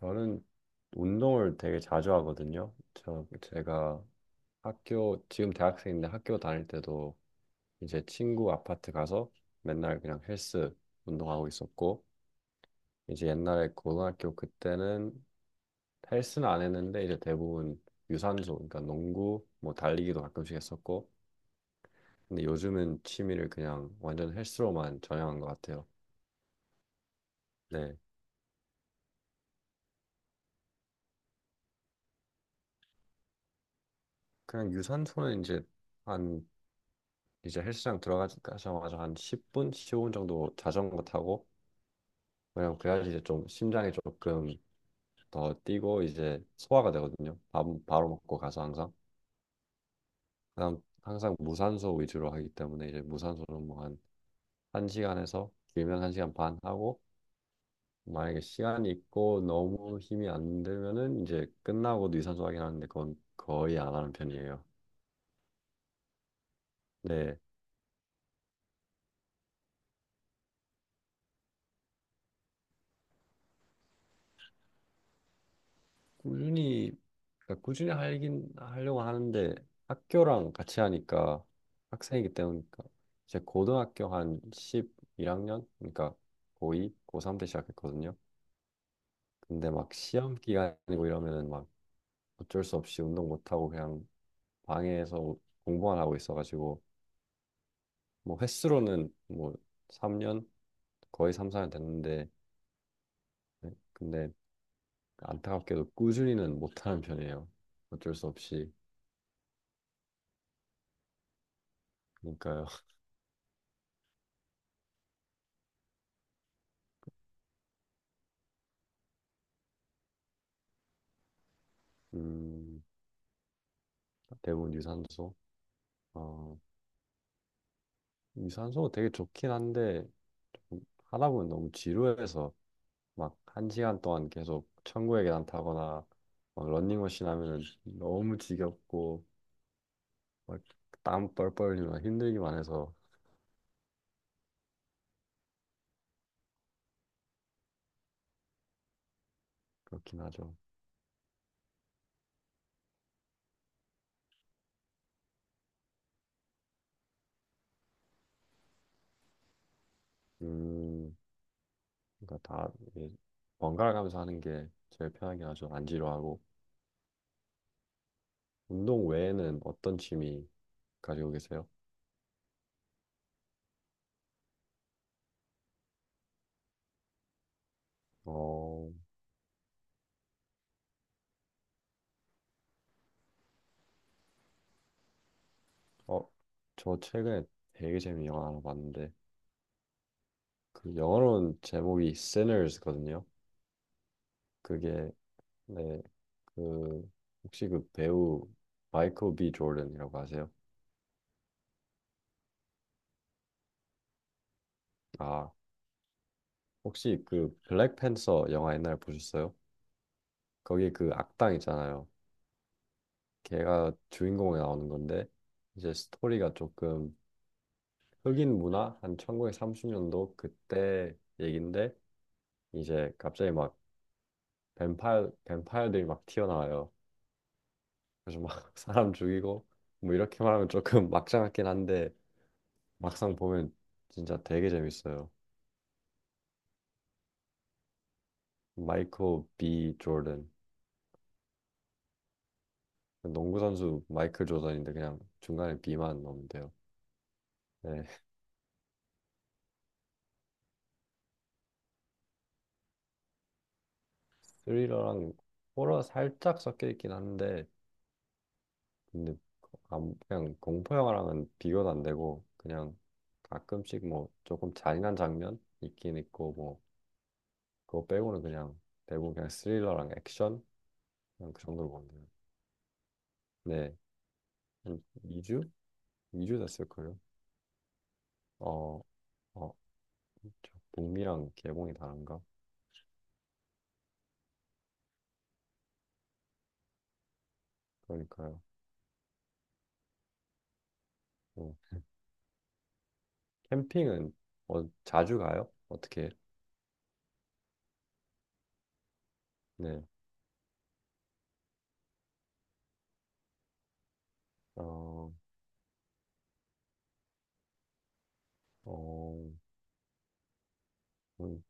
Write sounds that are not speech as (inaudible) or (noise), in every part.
저는 운동을 되게 자주 하거든요. 제가 학교 지금 대학생인데 학교 다닐 때도 이제 친구 아파트 가서 맨날 그냥 헬스 운동하고 있었고, 이제 옛날에 고등학교 그때는 헬스는 안 했는데 이제 대부분 유산소, 그러니까 농구 뭐 달리기도 가끔씩 했었고, 근데 요즘은 취미를 그냥 완전 헬스로만 전향한 것 같아요. 네. 그냥 유산소는 이제 한 이제 헬스장 들어가자마자 한 10분, 15분 정도 자전거 타고, 왜냐면 그래야지 이제 좀 심장이 조금 더 뛰고 이제 소화가 되거든요. 밥 바로 먹고 가서 항상, 그다음 항상 무산소 위주로 하기 때문에 이제 무산소는 뭐 한 한시간에서 길면 한시간반 하고, 만약에 시간이 있고 너무 힘이 안 들면은 이제 끝나고 유산소 하긴 하는데 그건 거의 안 하는 편이에요. 네. 꾸준히, 그러니까 꾸준히 하긴 하려고 하는데, 학교랑 같이 하니까, 학생이기 때문이니까, 제 고등학교 한 11학년, 그러니까 고2, 고3 때 시작했거든요. 근데 막 시험 기간이고 이러면은 막 어쩔 수 없이 운동 못 하고 그냥 방에서 공부만 하고 있어가지고, 뭐 횟수로는 뭐 3년, 거의 3, 4년 됐는데, 네. 근데 안타깝게도 꾸준히는 못하는 편이에요. 어쩔 수 없이. 그러니까요. (laughs) 음. 대부분 유산소. 어, 유산소가 되게 좋긴 한데 하다 보면 너무 지루해서 막 1시간 동안 계속 천국의 계단 타거나 막 런닝머신 하면은 너무 지겹고 막 땀 뻘뻘 흘리면 힘들기만 해서. 그렇긴 하죠. 음, 그러니까 다 이게 번갈아 가면서 하는 게 제일 편하긴 하죠. 안 지루하고. 운동 외에는 어떤 취미 가지고 계세요? 어, 어, 저 최근에 되게 재미있는 영화 하나 봤는데, 그 영어로는 제목이 Sinners거든요. 그게, 네, 그 혹시 그 배우 마이클 B 조던이라고 아세요? 아, 혹시 그 블랙팬서 영화 옛날에 보셨어요? 거기 그 악당 있잖아요. 걔가 주인공에 나오는 건데, 이제 스토리가 조금 흑인 문화 한 1930년도 그때 얘긴데 이제 갑자기 막 뱀파이어들이 막 튀어나와요. 그래서 막 (laughs) 사람 죽이고, 뭐 이렇게 말하면 조금 막장 같긴 한데 막상 보면 진짜 되게 재밌어요. 마이클 B 조던. 농구 선수 마이클 조던인데 그냥 중간에 B만 넣으면 돼요. 네, 스릴러랑 호러 살짝 섞여 있긴 한데, 근데 그냥 공포 영화랑은 비교도 안 되고, 그냥 가끔씩 뭐 조금 잔인한 장면 있긴 있고, 뭐 그거 빼고는 그냥 대부분 그냥 스릴러랑 액션, 그냥 그 정도로 보면 돼요. 네, 한 2주? 2주 됐을 거예요. 어, 어, 저 북미랑 개봉이 다른가? 그러니까요. 어, 캠핑은 어, 자주 가요? 어떻게? 해요? 네. 어, 어, 음,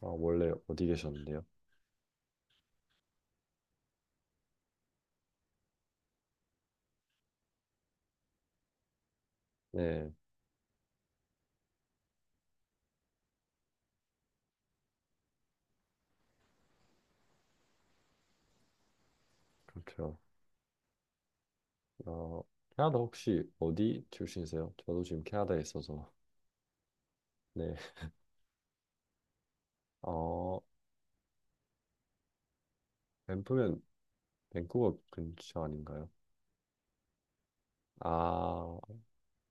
아, 원래 어디 계셨는데요? 네, 그렇죠. 어, 캐나다 혹시 어디 출신이세요? 저도 지금 캐나다에 있어서. 네. 어, 밴프면 밴쿠버 근처 아닌가요? 아,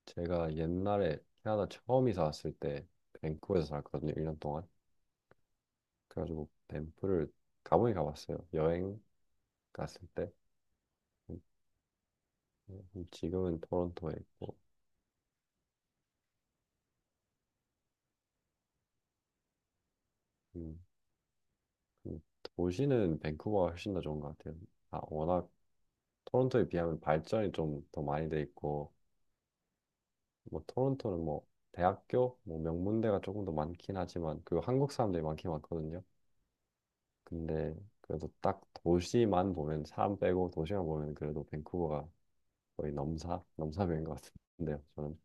제가 옛날에 캐나다 처음 이사 왔을 때 밴쿠버에서 살았거든요, 1년 동안. 그래가지고 밴프를 가보긴 가봤어요. 여행 갔을 때. 음, 지금은 토론토에 있고. 음, 음, 도시는 밴쿠버가 훨씬 더 좋은 것 같아요. 아, 워낙 토론토에 비하면 발전이 좀 더 많이 돼 있고, 뭐 토론토는 뭐 대학교 뭐 명문대가 조금 더 많긴 하지만 그 한국 사람들이 많긴 많거든요. 근데 그래도 딱 도시만 보면, 사람 빼고 도시만 보면 그래도 밴쿠버가 거의 넘사 넘사벽인 것 같은데요. 저는.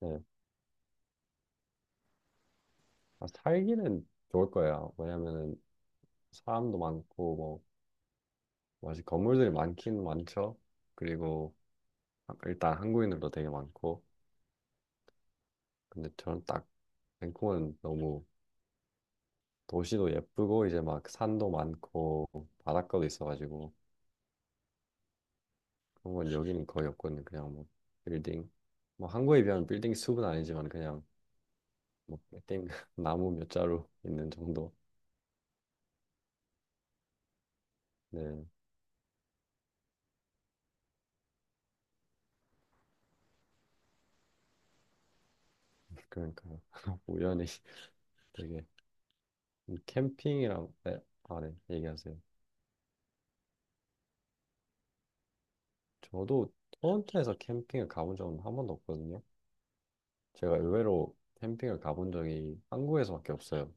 네. 아, 살기는 좋을 거예요. 왜냐면은 사람도 많고 뭐 맞아 건물들이 많긴 많죠. 그리고 일단 한국인으로 되게 많고, 근데 저는 딱, 밴쿠버는 너무 도시도 예쁘고 이제 막 산도 많고 바닷가도 있어가지고, 그런 건 여기는 거의 없거든요. 그냥 뭐 빌딩, 뭐 한국에 비하면 빌딩 숲은 아니지만 그냥 뭐 빌딩 (laughs) 나무 몇 자루 있는 정도. 네. 그러니까요. (laughs) 우연히 되게, 캠핑이랑, 네, 아 네 얘기하세요. 저도 토론토에서 캠핑을 가본 적은 한 번도 없거든요. 제가 의외로 캠핑을 가본 적이 한국에서밖에 없어요.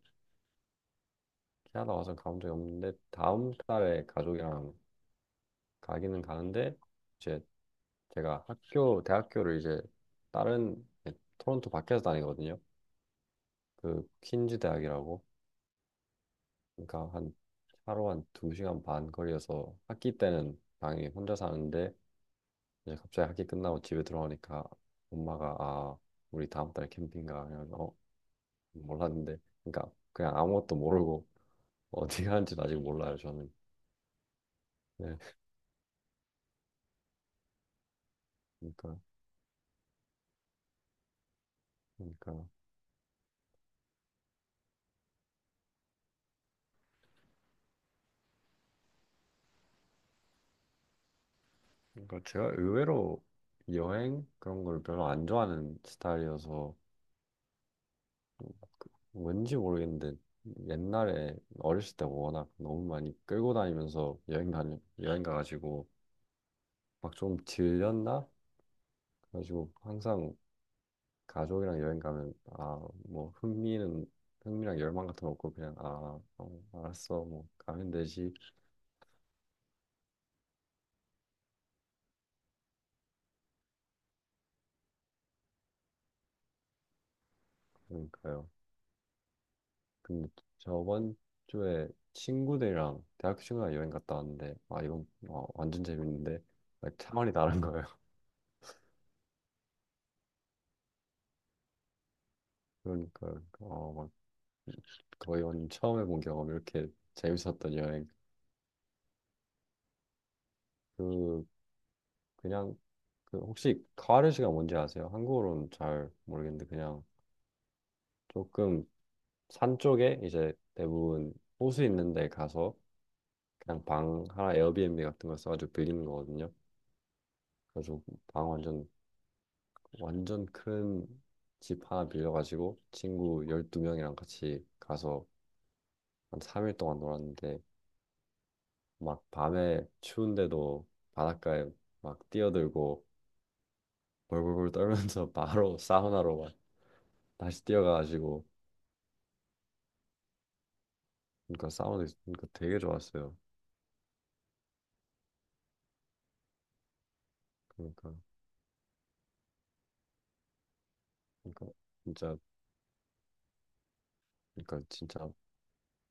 캐나다 와서 가본 적이 없는데 다음 달에 가족이랑 가기는 가는데, 이제 제가 학교 대학교를 이제 다른, 네, 토론토 밖에서 다니거든요. 그 퀸즈 대학이라고. 그러니까 한 하루 한 2시간 반 거리여서 학기 때는 당연히 혼자 사는데, 이제 갑자기 학기 끝나고 집에 들어오니까 엄마가, 아, 우리 다음 달에 캠핑 가, 그래서 몰랐는데, 그러니까 그냥 아무것도 모르고, 어디가 한지는 아직 몰라요, 저는. 네, 그러니까, 그러니까, 그러니까 제가 의외로 여행 그런 걸 별로 안 좋아하는 스타일이어서. 왠지 모르겠는데 옛날에 어렸을 때 워낙 너무 많이 끌고 다니면서 여행 가가지고 막 좀 질렸나? 그래가지고 항상 가족이랑 여행 가면, 아, 뭐 흥미는 흥미랑 열망 같은 거 없고, 그냥 아, 어, 알았어, 뭐 가면 되지. 그러니까요. 근데 저번 주에 친구들이랑, 대학교 친구랑 여행 갔다 왔는데, 아 이건 어, 완전 재밌는데 막 차원이 다른 거예요. (laughs) 그러니까 어막 거의 완전 처음 해본 경험, 이렇게 재밌었던 여행. 그 그냥 그 혹시 카와르시가 뭔지 아세요? 한국어로는 잘 모르겠는데, 그냥 조금 산 쪽에 이제 대부분 호수 있는 데 가서 그냥 방 하나 에어비앤비 같은 걸 써가지고 빌리는 거거든요. 그래서 방 완전, 완전 큰 집 하나 빌려가지고 친구 12명이랑 같이 가서 한 3일 동안 놀았는데, 막 밤에 추운데도 바닷가에 막 뛰어들고 벌벌벌 떨면서 (laughs) 바로 사우나로 막 다시 뛰어가가지고. 그러니까 그러니까 되게 좋았어요. 그러니까 그러니까 진짜 그러니까 진짜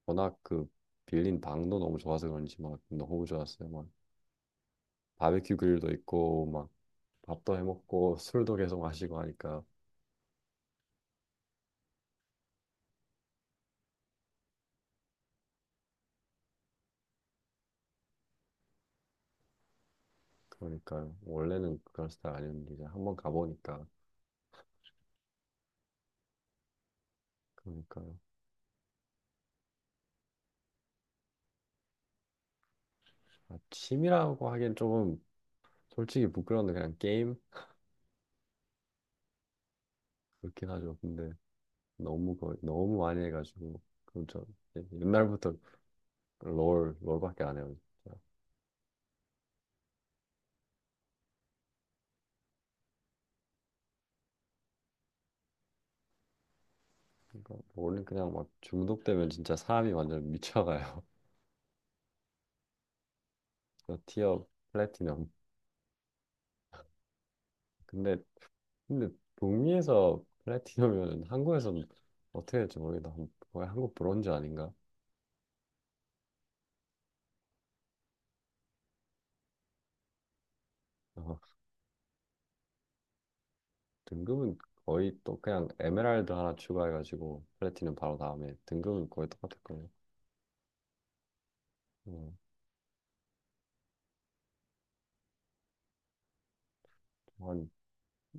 워낙 그 빌린 방도 너무 좋아서 그런지 막 너무 좋았어요. 막 바베큐 그릴도 있고, 막 밥도 해 먹고 술도 계속 마시고 하니까. 그러니까요. 원래는 그런 스타일 아니었는데 이제 한번 가보니까. 그러니까요. 아, 취미라고 하기엔 조금 솔직히 부끄러운데, 그냥 게임. 그렇긴 하죠. 근데 너무 거 너무 많이 해가지고. 그럼 저 이제 옛날부터 롤 롤밖에 안 해요. 진짜. 그러니까 롤은 그냥 막 중독되면 진짜 사람이 완전 미쳐가요. (laughs) 저 티어 플래티넘. 근데 근데 북미에서 플래티넘이면 한국에서는 어떻게 될지 모르겠다. 거의 한국 브론즈 아닌가? 등급은 거의 또 그냥 에메랄드 하나 추가해가지고 플래티넘 바로 다음에, 등급은 거의 똑같을 거예요. 음, 한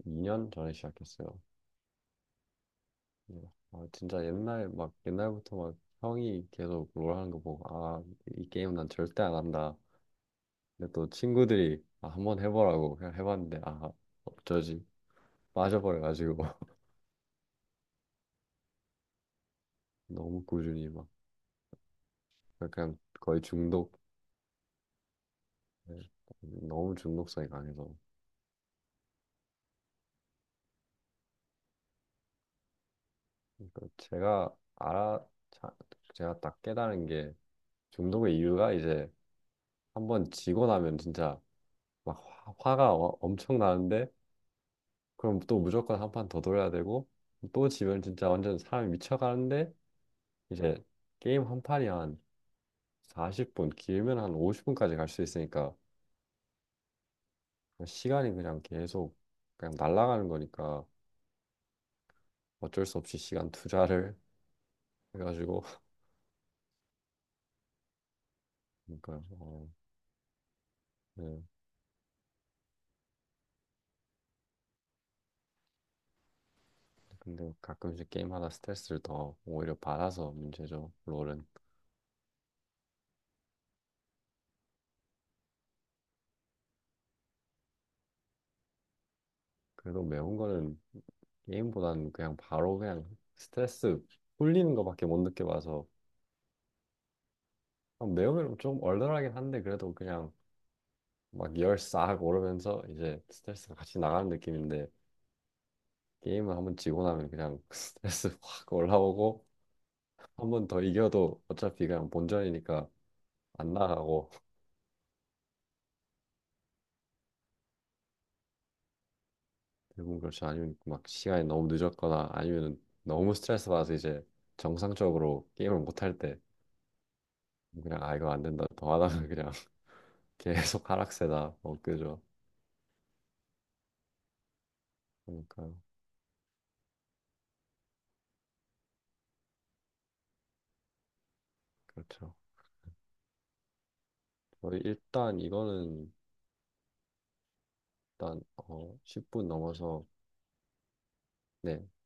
2년 전에 시작했어요. 예. 아, 진짜 옛날, 막 옛날부터 막 형이 계속 롤 하는 거 보고, 아, 이 게임 난 절대 안 한다. 근데 또 친구들이, 아, 한번 해보라고, 그냥 해봤는데, 아, 어쩌지, 빠져버려가지고. (laughs) 너무 꾸준히 막, 그냥 거의 중독. 예. 너무 중독성이 강해서. 그러니까 자- 제가 딱 깨달은 게, 중독의 이유가 이제 한번 지고 나면 진짜 막 화가 엄청 나는데, 그럼 또 무조건 한 판 더 돌려야 되고, 또 지면 진짜 완전 사람이 미쳐가는데, 이제 게임 한 판이 한 40분, 길면 한 50분까지 갈 수 있으니까 시간이 그냥 계속 그냥 날아가는 거니까 어쩔 수 없이 시간 투자를 해가지고. (laughs) 그러니까. 어, 네. 근데 가끔씩 게임하다 스트레스를 더 오히려 받아서 문제죠, 롤은. 그래도 매운 거는 게임보다는 그냥 바로 그냥 스트레스 풀리는 거밖에 못 느껴봐서. 아, 매우면 좀 얼얼하긴 한데 그래도 그냥 막 열 싹 오르면서 이제 스트레스가 같이 나가는 느낌인데, 게임을 한 번 지고 나면 그냥 (laughs) 스트레스 확 올라오고. 한 번 더 이겨도 어차피 그냥 본전이니까 안 나가고. 대부분 그렇죠. 아니면 막 시간이 너무 늦었거나, 아니면 너무 스트레스 받아서 이제 정상적으로 게임을 못 할 때 그냥, 아, 이거 안 된다, 더 하다가 그냥 (laughs) 계속 하락세다, 뭐 그죠. 그러니까. 그렇죠. 저희 일단 이거는 일단 10분 넘어서. 네